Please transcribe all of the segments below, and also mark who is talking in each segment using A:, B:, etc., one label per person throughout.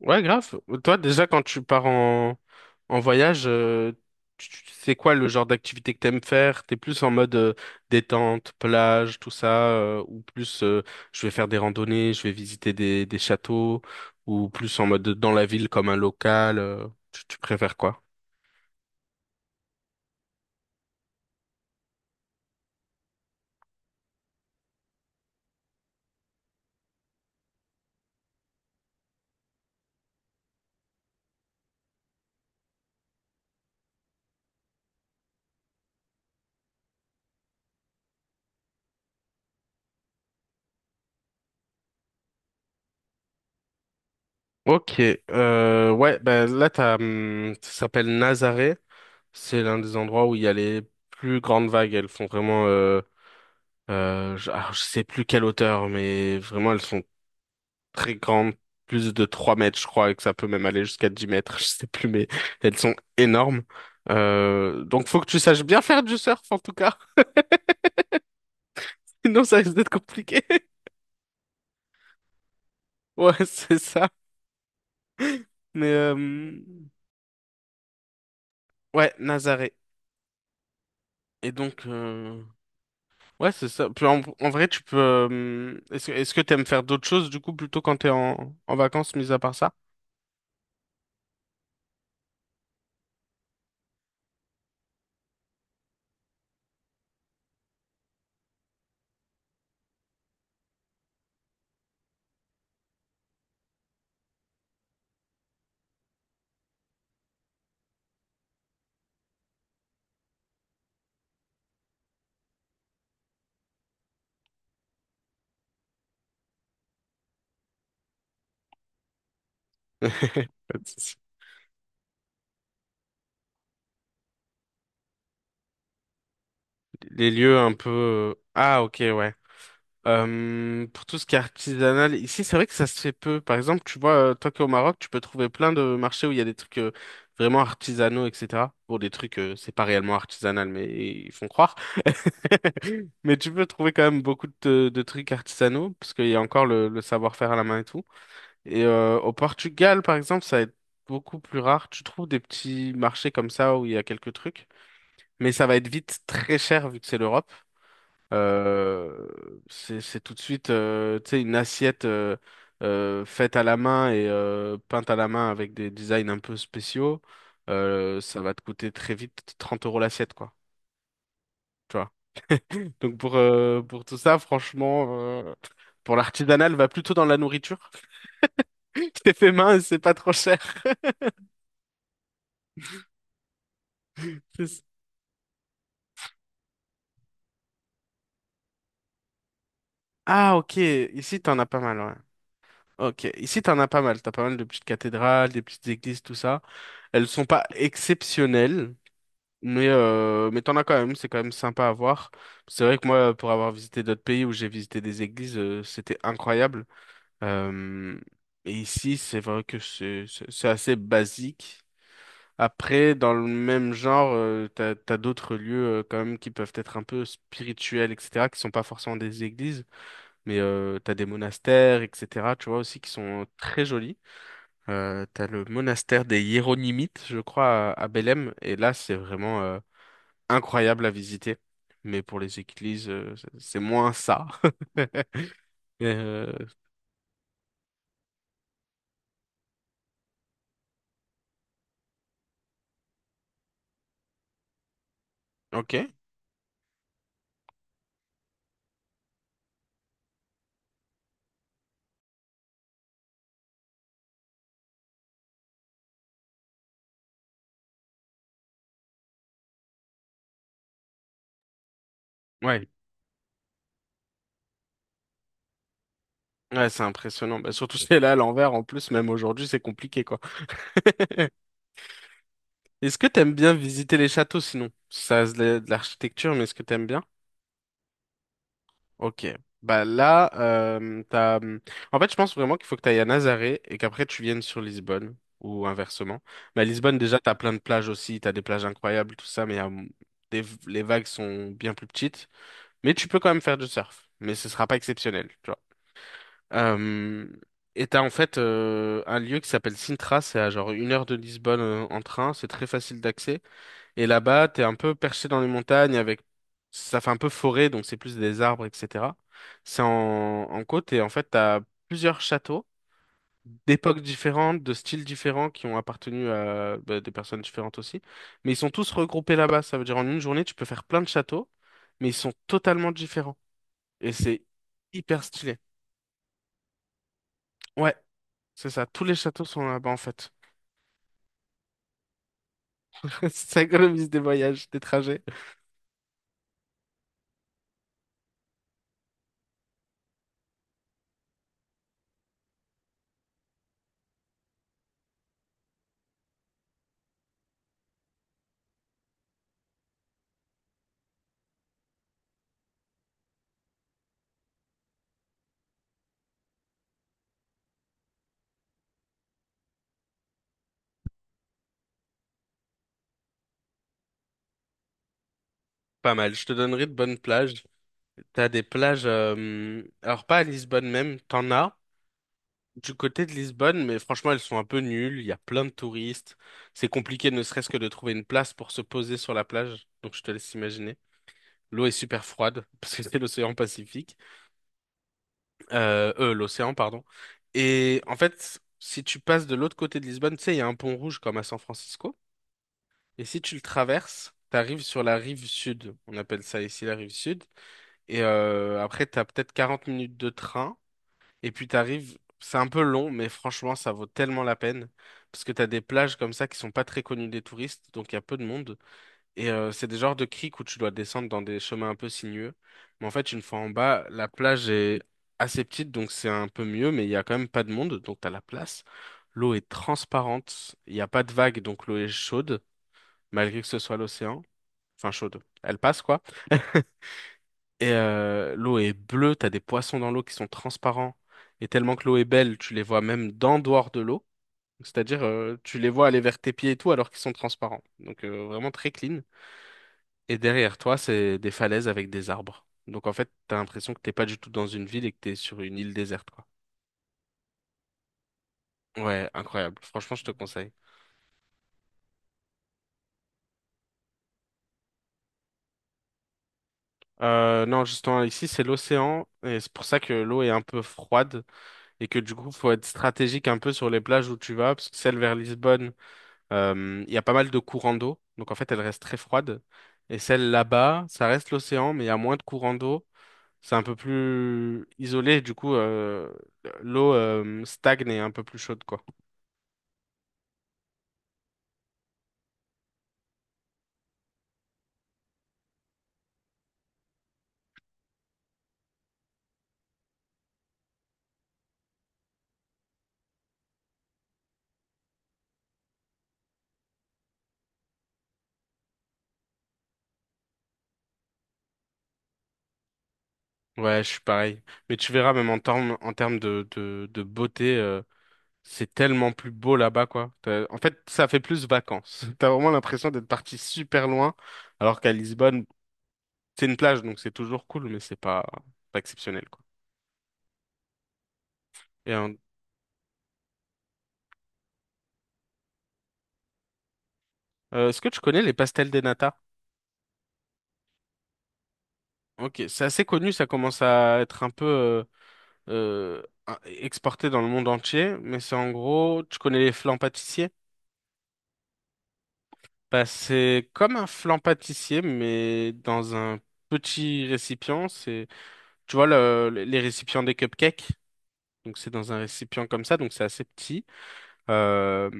A: Ouais, grave. Toi, déjà, quand tu pars en voyage, c'est quoi le genre d'activité que t'aimes faire? T'es plus en mode détente, plage, tout ça, ou plus je vais faire des randonnées, je vais visiter des châteaux, ou plus en mode dans la ville comme un local, tu préfères quoi? Ok, ouais, ben là, t'as, ça s'appelle Nazaré. C'est l'un des endroits où il y a les plus grandes vagues. Elles font vraiment, je sais plus quelle hauteur, mais vraiment, elles sont très grandes, plus de 3 mètres, je crois, et que ça peut même aller jusqu'à 10 mètres, je sais plus, mais elles sont énormes. Donc, faut que tu saches bien faire du surf, en tout cas. Sinon, ça risque d'être compliqué. Ouais, c'est ça. Mais, ouais, Nazaré. Et donc, ouais, c'est ça. Puis en vrai, tu peux. Est-ce que t'aimes faire d'autres choses du coup plutôt quand t'es en vacances, mis à part ça? Pas de souci. Les lieux un peu. Ah, ok, ouais. Pour tout ce qui est artisanal, ici, c'est vrai que ça se fait peu. Par exemple, tu vois, toi qui es au Maroc, tu peux trouver plein de marchés où il y a des trucs vraiment artisanaux, etc. Pour des trucs, c'est pas réellement artisanal, mais ils font croire. Mais tu peux trouver quand même beaucoup de trucs artisanaux, parce qu'il y a encore le savoir-faire à la main et tout. Et au Portugal, par exemple, ça va être beaucoup plus rare. Tu trouves des petits marchés comme ça où il y a quelques trucs, mais ça va être vite très cher vu que c'est l'Europe. Euh, c'est, tout de suite, tu sais, une assiette faite à la main et peinte à la main avec des designs un peu spéciaux. Ça va te coûter très vite 30 € l'assiette, quoi. Tu vois. Donc pour, pour tout ça, franchement, pour l'artisanal, va plutôt dans la nourriture. C'est fait main et c'est pas trop cher. Ah, ok. Ici, t'en as pas mal, ouais. Ok. Ici, t'en as pas mal. T'as pas mal de petites cathédrales, des petites églises, tout ça. Elles sont pas exceptionnelles, mais t'en as quand même. C'est quand même sympa à voir. C'est vrai que moi, pour avoir visité d'autres pays où j'ai visité des églises, c'était incroyable. Euh, et ici, c'est vrai que c'est assez basique. Après, dans le même genre, t'as, d'autres lieux, quand même qui peuvent être un peu spirituels, etc., qui sont pas forcément des églises. Mais t'as des monastères, etc. Tu vois aussi qui sont très jolis. T'as le monastère des Hiéronymites, je crois, à Belém. Et là, c'est vraiment incroyable à visiter. Mais pour les églises, c'est moins ça. Euh, ok. Ouais. Ouais, c'est impressionnant. Bah, surtout celle-là à l'envers, en plus, même aujourd'hui, c'est compliqué, quoi. Est-ce que t'aimes bien visiter les châteaux, sinon? Ça, c'est de l'architecture, mais est-ce que t'aimes bien? Ok. Bah là. En fait, je pense vraiment qu'il faut que tu ailles à Nazaré et qu'après tu viennes sur Lisbonne ou inversement. Mais à Lisbonne, déjà, t'as plein de plages aussi, t'as des plages incroyables, tout ça, mais les vagues sont bien plus petites. Mais tu peux quand même faire du surf, mais ce sera pas exceptionnel, tu vois. Euh, et t'as en fait un lieu qui s'appelle Sintra, c'est à genre une heure de Lisbonne en train, c'est très facile d'accès. Et là-bas, t'es un peu perché dans les montagnes avec, ça fait un peu forêt, donc c'est plus des arbres, etc. C'est en côte et en fait, t'as plusieurs châteaux d'époques différentes, de styles différents qui ont appartenu à bah, des personnes différentes aussi. Mais ils sont tous regroupés là-bas. Ça veut dire en une journée, tu peux faire plein de châteaux, mais ils sont totalement différents. Et c'est hyper stylé. Ouais, c'est ça. Tous les châteaux sont là-bas en fait. Ça économise des voyages, des trajets. Pas mal. Je te donnerai de bonnes plages. T'as des plages, alors pas à Lisbonne même, t'en as du côté de Lisbonne, mais franchement elles sont un peu nulles, il y a plein de touristes, c'est compliqué ne serait-ce que de trouver une place pour se poser sur la plage, donc je te laisse imaginer. L'eau est super froide, parce que c'est l'océan Pacifique, l'océan, pardon. Et en fait, si tu passes de l'autre côté de Lisbonne, tu sais, il y a un pont rouge comme à San Francisco, et si tu le traverses, t'arrives sur la rive sud, on appelle ça ici la rive sud, et après t'as peut-être 40 minutes de train. Et puis t'arrives, c'est un peu long, mais franchement, ça vaut tellement la peine. Parce que t'as des plages comme ça qui sont pas très connues des touristes, donc il y a peu de monde. Et c'est des genres de criques où tu dois descendre dans des chemins un peu sinueux. Mais en fait, une fois en bas, la plage est assez petite, donc c'est un peu mieux, mais il y a quand même pas de monde, donc t'as la place. L'eau est transparente, il n'y a pas de vagues, donc l'eau est chaude, malgré que ce soit l'océan. Enfin, chaude. Elle passe, quoi. Et l'eau est bleue, t'as des poissons dans l'eau qui sont transparents. Et tellement que l'eau est belle, tu les vois même d'en dehors de l'eau. C'est-à-dire, tu les vois aller vers tes pieds et tout alors qu'ils sont transparents. Donc vraiment très clean. Et derrière toi, c'est des falaises avec des arbres. Donc en fait, t'as l'impression que t'es pas du tout dans une ville et que t'es sur une île déserte, quoi. Ouais, incroyable. Franchement, je te conseille. Non, justement, ici, c'est l'océan, et c'est pour ça que l'eau est un peu froide, et que du coup, faut être stratégique un peu sur les plages où tu vas, parce que celle vers Lisbonne, il y a pas mal de courants d'eau, donc en fait elle reste très froide. Et celle là-bas, ça reste l'océan, mais il y a moins de courants d'eau. C'est un peu plus isolé, du coup l'eau stagne et est un peu plus chaude, quoi. Ouais, je suis pareil. Mais tu verras même en termes de beauté, c'est tellement plus beau là-bas, quoi. En fait, ça fait plus vacances. T'as vraiment l'impression d'être parti super loin, alors qu'à Lisbonne, c'est une plage, donc c'est toujours cool, mais c'est pas, pas exceptionnel, quoi. Et est-ce que tu connais les pastels des nata. Ok, c'est assez connu, ça commence à être un peu exporté dans le monde entier, mais c'est en gros, tu connais les flans pâtissiers? Bah, c'est comme un flan pâtissier, mais dans un petit récipient. C'est, tu vois, les récipients des cupcakes. Donc, c'est dans un récipient comme ça, donc c'est assez petit. Euh,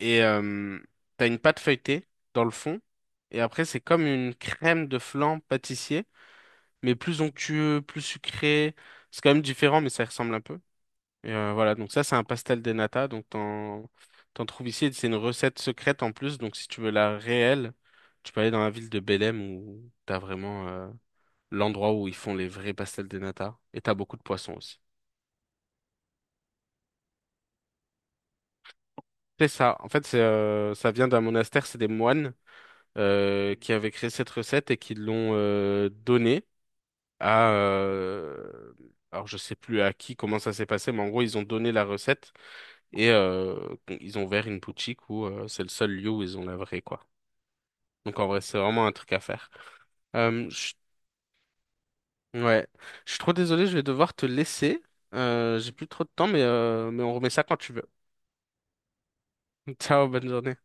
A: et t'as une pâte feuilletée dans le fond. Et après, c'est comme une crème de flan pâtissier, mais plus onctueux, plus sucré. C'est quand même différent, mais ça ressemble un peu. Et voilà, donc ça, c'est un pastel de nata. Donc, t'en trouves ici. C'est une recette secrète en plus. Donc, si tu veux la réelle, tu peux aller dans la ville de Belém où t'as vraiment l'endroit où ils font les vrais pastels de nata. Et t'as beaucoup de poissons aussi. C'est ça. En fait, ça vient d'un monastère. C'est des moines qui avaient créé cette recette et qui l'ont donnée à. Alors, je sais plus à qui, comment ça s'est passé, mais en gros, ils ont donné la recette. Et ils ont ouvert une boutique où c'est le seul lieu où ils ont la vraie, quoi. Donc en vrai, c'est vraiment un truc à faire. Euh, je- Ouais, je suis trop désolé, je vais devoir te laisser. J'ai plus trop de temps, mais, mais on remet ça quand tu veux. Ciao, bonne journée.